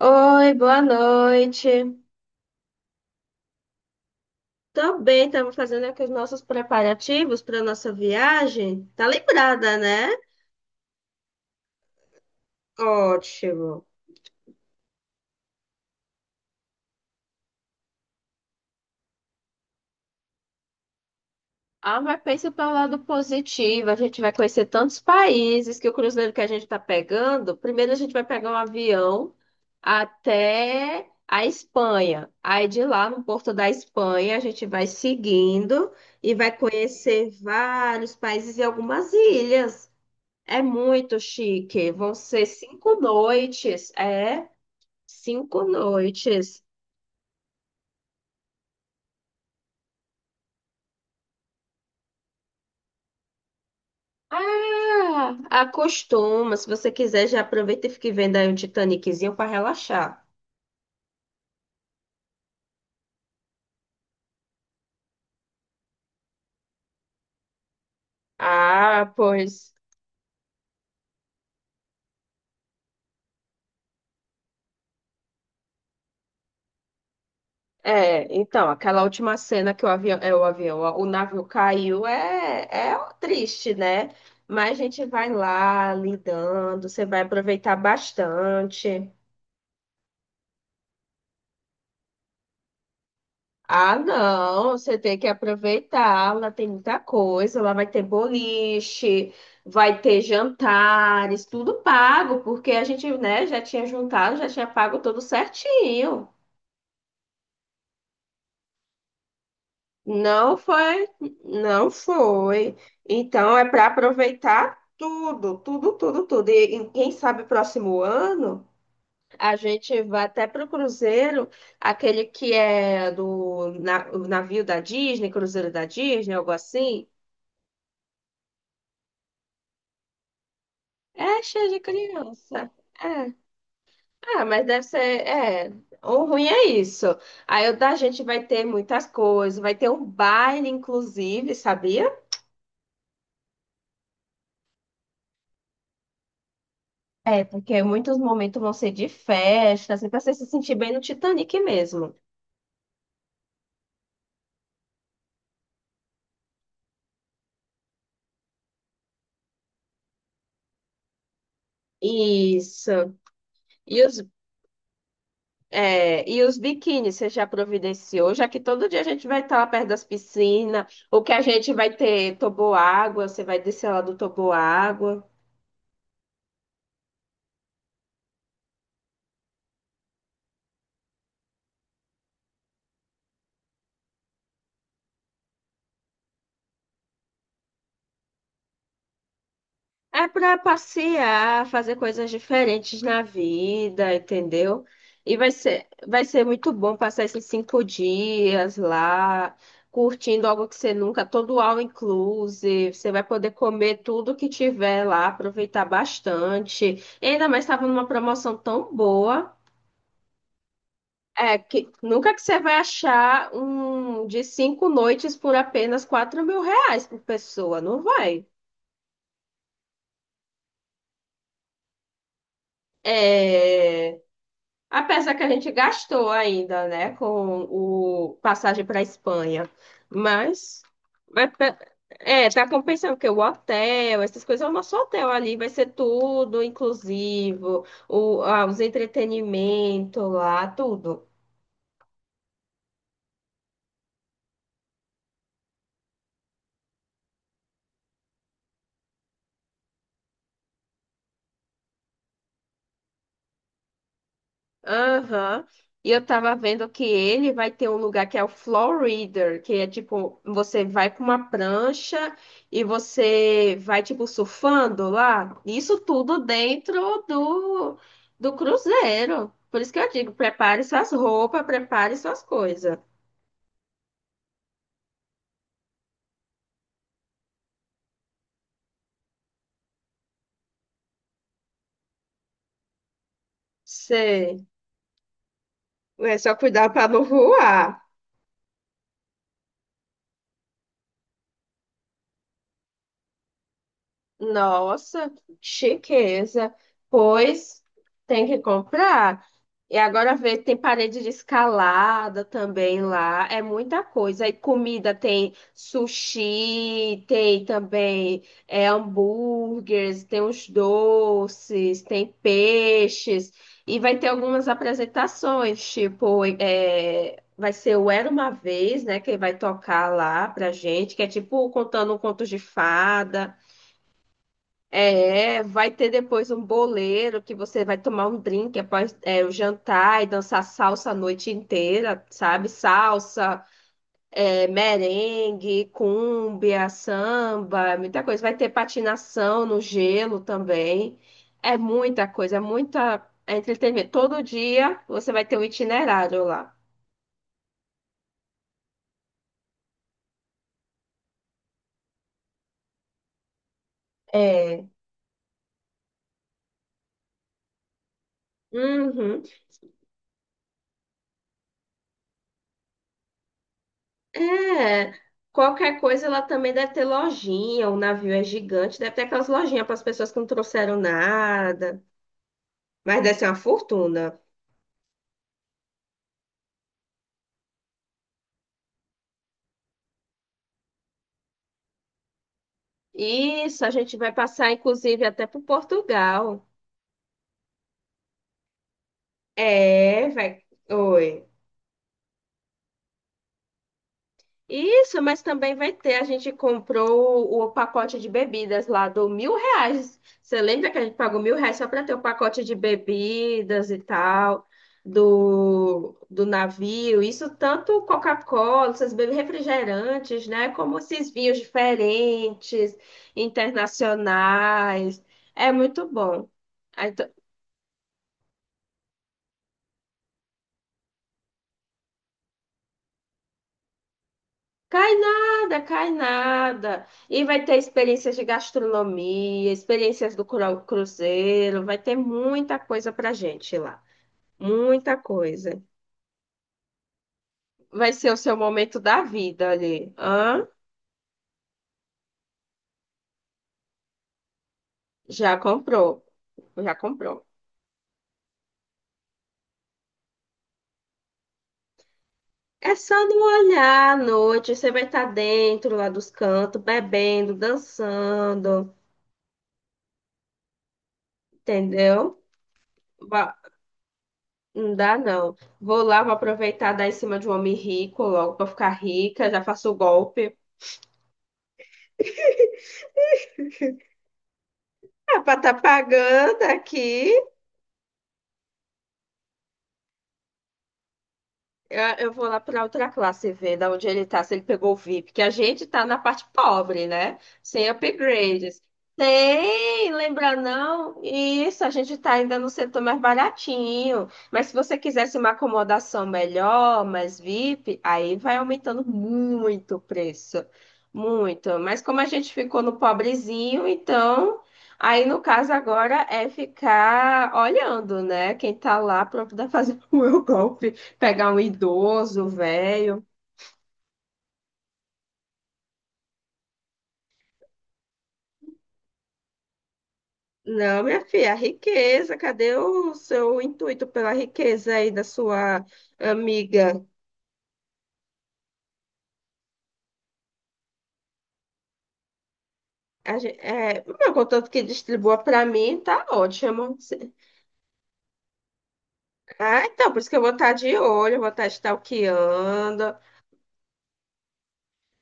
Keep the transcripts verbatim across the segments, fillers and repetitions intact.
Oi, boa noite. Tô bem, estamos fazendo aqui os nossos preparativos para nossa viagem. Tá lembrada, né? Ótimo. Ah, mas pensa pelo lado positivo. A gente vai conhecer tantos países que o cruzeiro que a gente tá pegando. Primeiro a gente vai pegar um avião até a Espanha. Aí de lá no porto da Espanha a gente vai seguindo e vai conhecer vários países e algumas ilhas. É muito chique. Vão ser cinco noites. É, cinco noites. Ah, acostuma. Se você quiser, já aproveita e fique vendo aí um Titaniczinho para relaxar. Ah, pois. É, então, aquela última cena que o avião, é, o avião, ó, o navio caiu é, é triste, né? Mas a gente vai lá lidando, você vai aproveitar bastante. Ah, não, você tem que aproveitar. Lá tem muita coisa. Lá vai ter boliche, vai ter jantares, tudo pago, porque a gente, né, já tinha juntado, já tinha pago tudo certinho. Não foi, não foi. Então é para aproveitar tudo, tudo, tudo, tudo. E, e quem sabe próximo ano a gente vai até para o cruzeiro, aquele que é do na- o navio da Disney, cruzeiro da Disney, algo assim. É cheio de criança. É. Ah, mas deve ser. É. O ruim é isso. Aí o da gente vai ter muitas coisas. Vai ter um baile, inclusive, sabia? É, porque muitos momentos vão ser de festa, assim, pra você se sentir bem no Titanic mesmo. Isso. E os, é, e os biquínis, você já providenciou, já que todo dia a gente vai estar lá perto das piscinas. O que a gente vai ter toboágua, você vai descer lá do toboágua. É para passear, fazer coisas diferentes na vida, entendeu? E vai ser, vai ser muito bom passar esses cinco dias lá, curtindo algo que você nunca, todo all inclusive. Você vai poder comer tudo que tiver lá, aproveitar bastante. E ainda mais estava numa promoção tão boa. É que nunca que você vai achar um de cinco noites por apenas quatro mil reais por pessoa, não vai? É. Apesar que a gente gastou ainda, né, com o passagem para Espanha, mas mas pe- é, tá compensando porque o hotel, essas coisas, o nosso hotel ali vai ser tudo inclusivo, o, ah, os entretenimento lá, tudo. Aham. E eu tava vendo que ele vai ter um lugar que é o floor reader, que é tipo, você vai com uma prancha e você vai, tipo, surfando lá. Isso tudo dentro do, do cruzeiro. Por isso que eu digo, prepare suas roupas, prepare suas coisas. Sei. É só cuidar para não voar. Nossa, chiqueza. Pois tem que comprar. E agora vê, tem parede de escalada também lá. É muita coisa. E comida tem sushi, tem também é, hambúrgueres, tem os doces, tem peixes. E vai ter algumas apresentações, tipo, é, vai ser o Era Uma Vez, né? Que vai tocar lá pra gente, que é tipo contando contos de fada. É, vai ter depois um boleiro que você vai tomar um drink após é, o jantar e dançar salsa a noite inteira, sabe? Salsa, é, merengue, cúmbia, samba, muita coisa. Vai ter patinação no gelo também. É muita coisa, é muita é entretenimento. Todo dia você vai ter um itinerário lá. É. Uhum. É, qualquer coisa ela também deve ter lojinha, o navio é gigante, deve ter aquelas lojinhas para as pessoas que não trouxeram nada, mas deve ser uma fortuna. Isso, a gente vai passar inclusive até para Portugal. É, vai. Oi. Isso, mas também vai ter. A gente comprou o pacote de bebidas lá do mil reais. Você lembra que a gente pagou mil reais só para ter o pacote de bebidas e tal, do, do navio? Isso tanto Coca-Cola, essas bebidas refrigerantes, né? Como esses vinhos diferentes, internacionais. É muito bom. Aí, t- Cai nada, cai nada. E vai ter experiências de gastronomia, experiências do cru- cruzeiro, vai ter muita coisa pra gente lá. Muita coisa. Vai ser o seu momento da vida ali. Hã? Já comprou, já comprou. É só não olhar à noite, você vai estar dentro lá dos cantos, bebendo, dançando, entendeu? Ba- Não dá não. Vou lá, vou aproveitar dar em cima de um homem rico logo pra ficar rica, já faço o golpe. Ah, para estar pagando aqui, Eu eu vou lá para outra classe ver da onde ele tá, se ele pegou o V I P, que a gente tá na parte pobre, né? Sem upgrades. Tem, lembra não? Isso, a gente tá ainda no setor mais baratinho. Mas se você quisesse uma acomodação melhor, mais V I P, aí vai aumentando muito o preço. Muito. Mas como a gente ficou no pobrezinho, então. Aí, no caso, agora é ficar olhando, né? Quem tá lá para poder fazer o meu golpe. Pegar um idoso, velho. Não, minha filha, a riqueza, cadê o seu intuito pela riqueza aí da sua amiga? A gente, é, o meu, contanto que distribua para mim, tá ótimo. Se- Ah, então, por isso que eu vou estar de olho, eu vou estar stalkeando.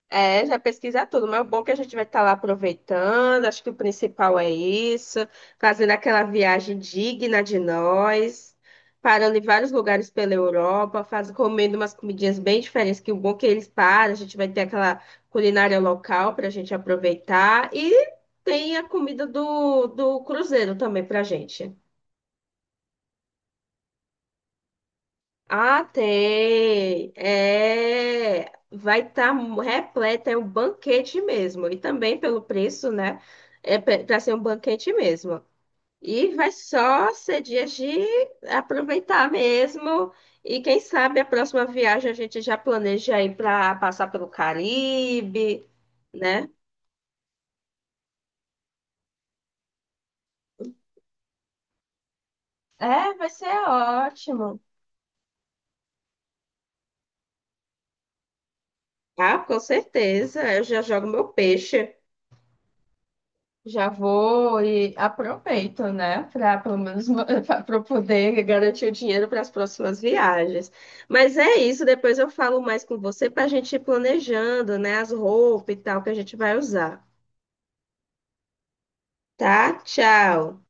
É, já pesquisar tudo, mas é bom é que a gente vai estar lá aproveitando. Acho que o principal é isso, fazendo aquela viagem digna de nós, parando em vários lugares pela Europa, faz, comendo umas comidinhas bem diferentes, que o bom é que eles param, a gente vai ter aquela culinária local para a gente aproveitar e tem a comida do, do cruzeiro também para a gente. Ah, tem. É, vai estar repleto, é um banquete mesmo. E também pelo preço, né? É para ser um banquete mesmo. E vai só ser dias de aproveitar mesmo. E quem sabe a próxima viagem a gente já planeja ir para passar pelo Caribe, né? É, vai ser ótimo. Ah, com certeza. Eu já jogo meu peixe. Já vou e aproveito, né, para pelo menos para poder garantir o dinheiro para as próximas viagens. Mas é isso, depois eu falo mais com você para a gente ir planejando, né, as roupas e tal que a gente vai usar, tá? Tchau.